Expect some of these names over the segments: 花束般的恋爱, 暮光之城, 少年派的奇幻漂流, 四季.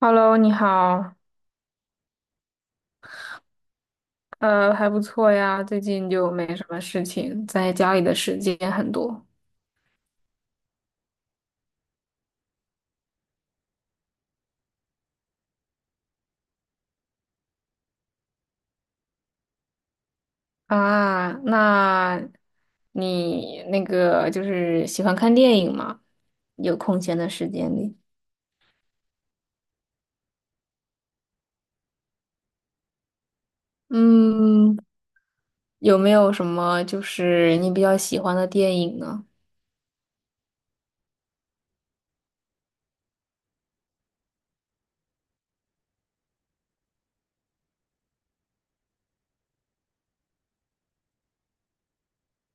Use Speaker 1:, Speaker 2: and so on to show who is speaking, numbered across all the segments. Speaker 1: Hello，你好，还不错呀，最近就没什么事情，在家里的时间很多啊。那你那个就是喜欢看电影吗？有空闲的时间里。嗯，有没有什么就是你比较喜欢的电影呢？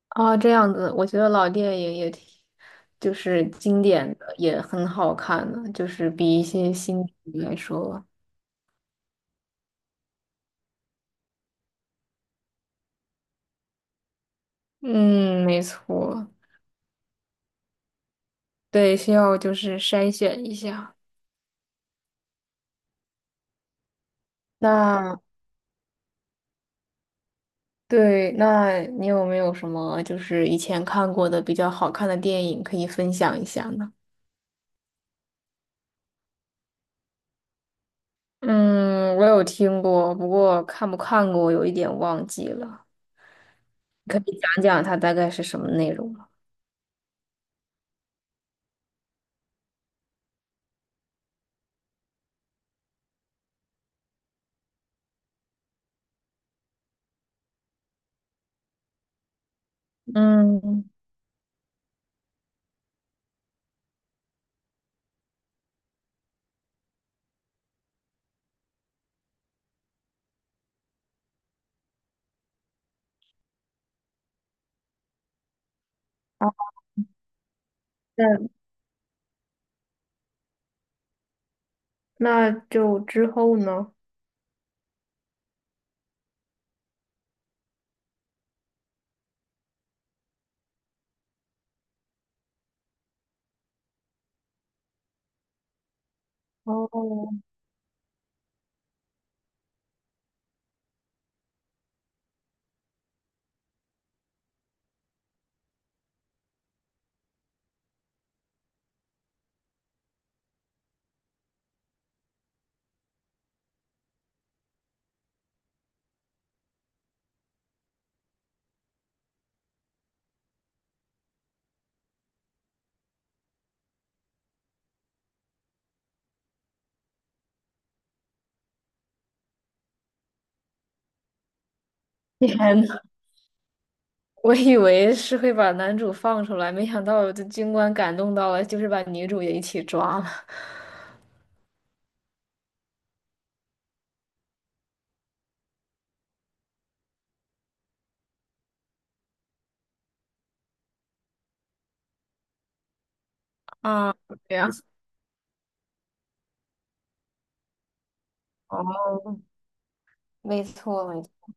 Speaker 1: 啊，这样子，我觉得老电影也挺，就是经典的，也很好看的，就是比一些新剧来说吧。嗯，没错。对，需要就是筛选一下。那对，那你有没有什么就是以前看过的比较好看的电影可以分享一下呢？嗯，我有听过，不过看不看过，我有一点忘记了。可以讲讲它大概是什么内容吗？嗯，好的，那就之后呢？哦，天呐，我以为是会把男主放出来，没想到这军官感动到了，就是把女主也一起抓了。啊，这样。哦，没错，没错。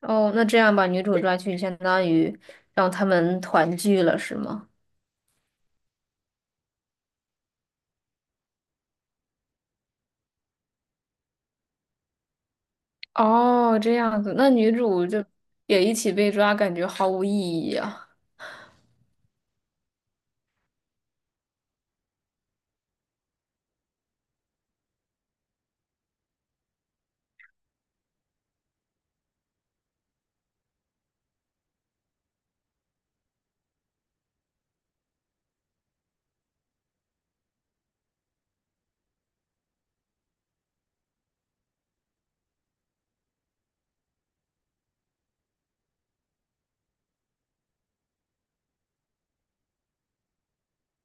Speaker 1: 哦，那这样把女主抓去，相当于让他们团聚了，是吗？哦，这样子，那女主就也一起被抓，感觉毫无意义啊。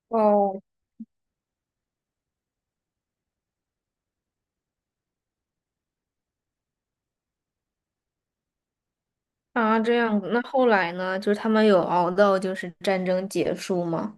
Speaker 1: 哦，啊，这样子。那后来呢？就是他们有熬到就是战争结束吗？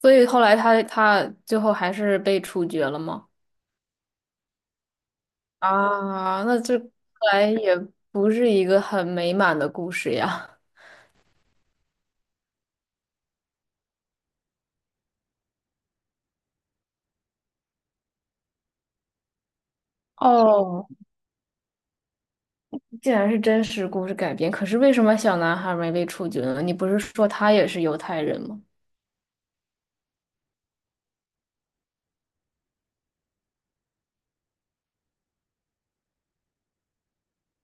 Speaker 1: 所以后来他最后还是被处决了吗？啊，那这看来也不是一个很美满的故事呀。哦，既然是真实故事改编，可是为什么小男孩没被处决呢？你不是说他也是犹太人吗？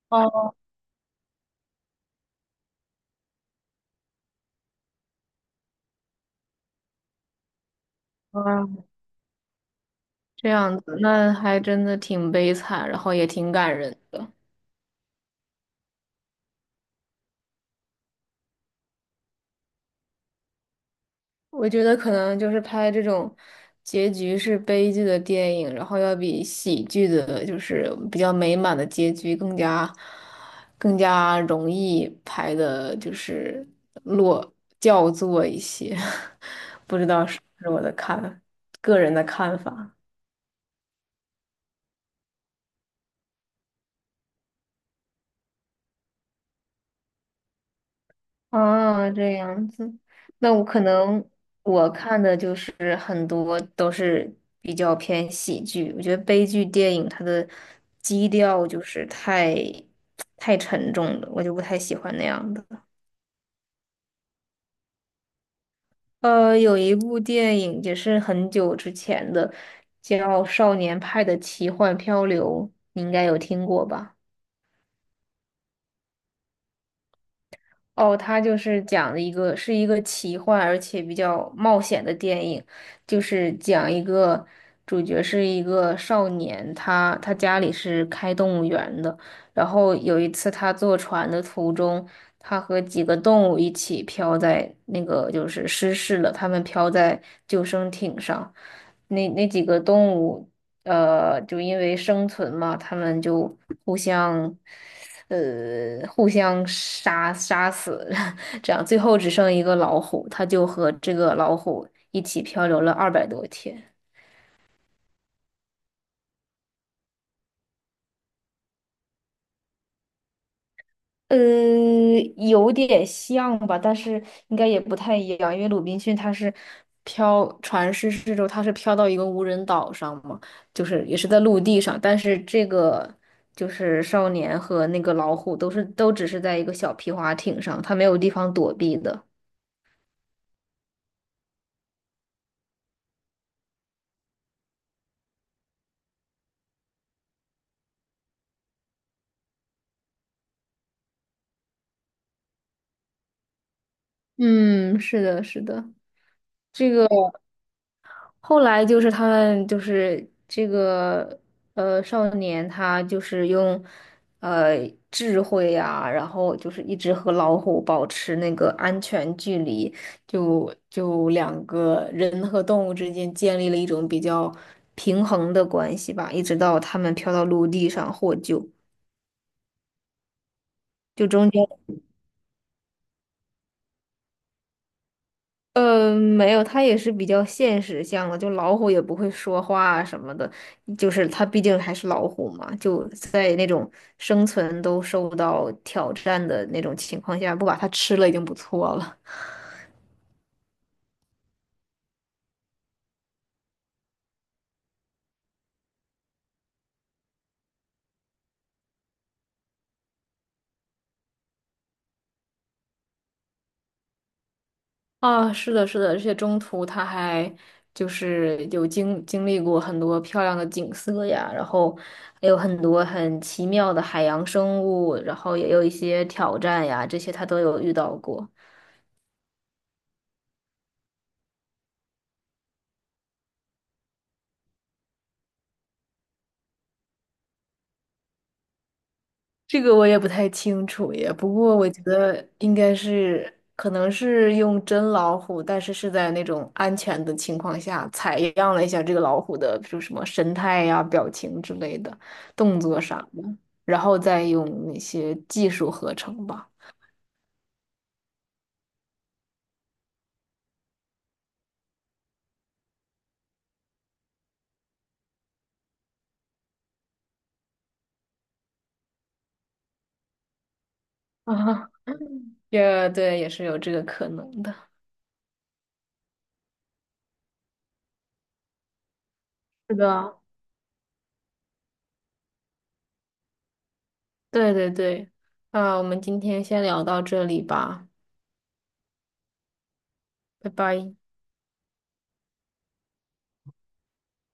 Speaker 1: 哦，这样子，那还真的挺悲惨，然后也挺感人的。我觉得可能就是拍这种结局是悲剧的电影，然后要比喜剧的，就是比较美满的结局更加容易拍的，就是落叫座一些，是我的看，个人的看法。啊，这样子，那我可能我看的就是很多都是比较偏喜剧，我觉得悲剧电影它的基调就是太沉重了，我就不太喜欢那样的。有一部电影也是很久之前的，叫《少年派的奇幻漂流》，你应该有听过吧？哦，他就是讲的一个是一个奇幻而且比较冒险的电影，就是讲一个主角是一个少年，他家里是开动物园的，然后有一次他坐船的途中，他和几个动物一起飘在那个就是失事了，他们飘在救生艇上，那几个动物就因为生存嘛，他们就互相。互相杀死，这样最后只剩一个老虎，他就和这个老虎一起漂流了200多天。呃，有点像吧，但是应该也不太一样，因为鲁滨逊他是飘船失事之后，他是飘到一个无人岛上嘛，就是也是在陆地上，但是这个就是少年和那个老虎都只是在一个小皮划艇上，他没有地方躲避的。嗯，是的，是的，这个。后来就是他们就是这个少年，他就是用呃智慧啊，然后就是一直和老虎保持那个安全距离，就两个人和动物之间建立了一种比较平衡的关系吧，一直到他们飘到陆地上获救，就中间。没有，它也是比较现实向的，就老虎也不会说话啊什么的，就是它毕竟还是老虎嘛，就在那种生存都受到挑战的那种情况下，不把它吃了已经不错了。啊，是的，是的，而且中途它还就是有经历过很多漂亮的景色呀，然后还有很多很奇妙的海洋生物，然后也有一些挑战呀，这些它都有遇到过。这个我也不太清楚耶，不过我觉得应该是，可能是用真老虎，但是是在那种安全的情况下采样了一下这个老虎的，比如什么神态呀、表情之类的，动作啥的，然后再用那些技术合成吧。啊，也对，也是有这个可能的。是的，对对对，啊，我们今天先聊到这里吧，拜拜。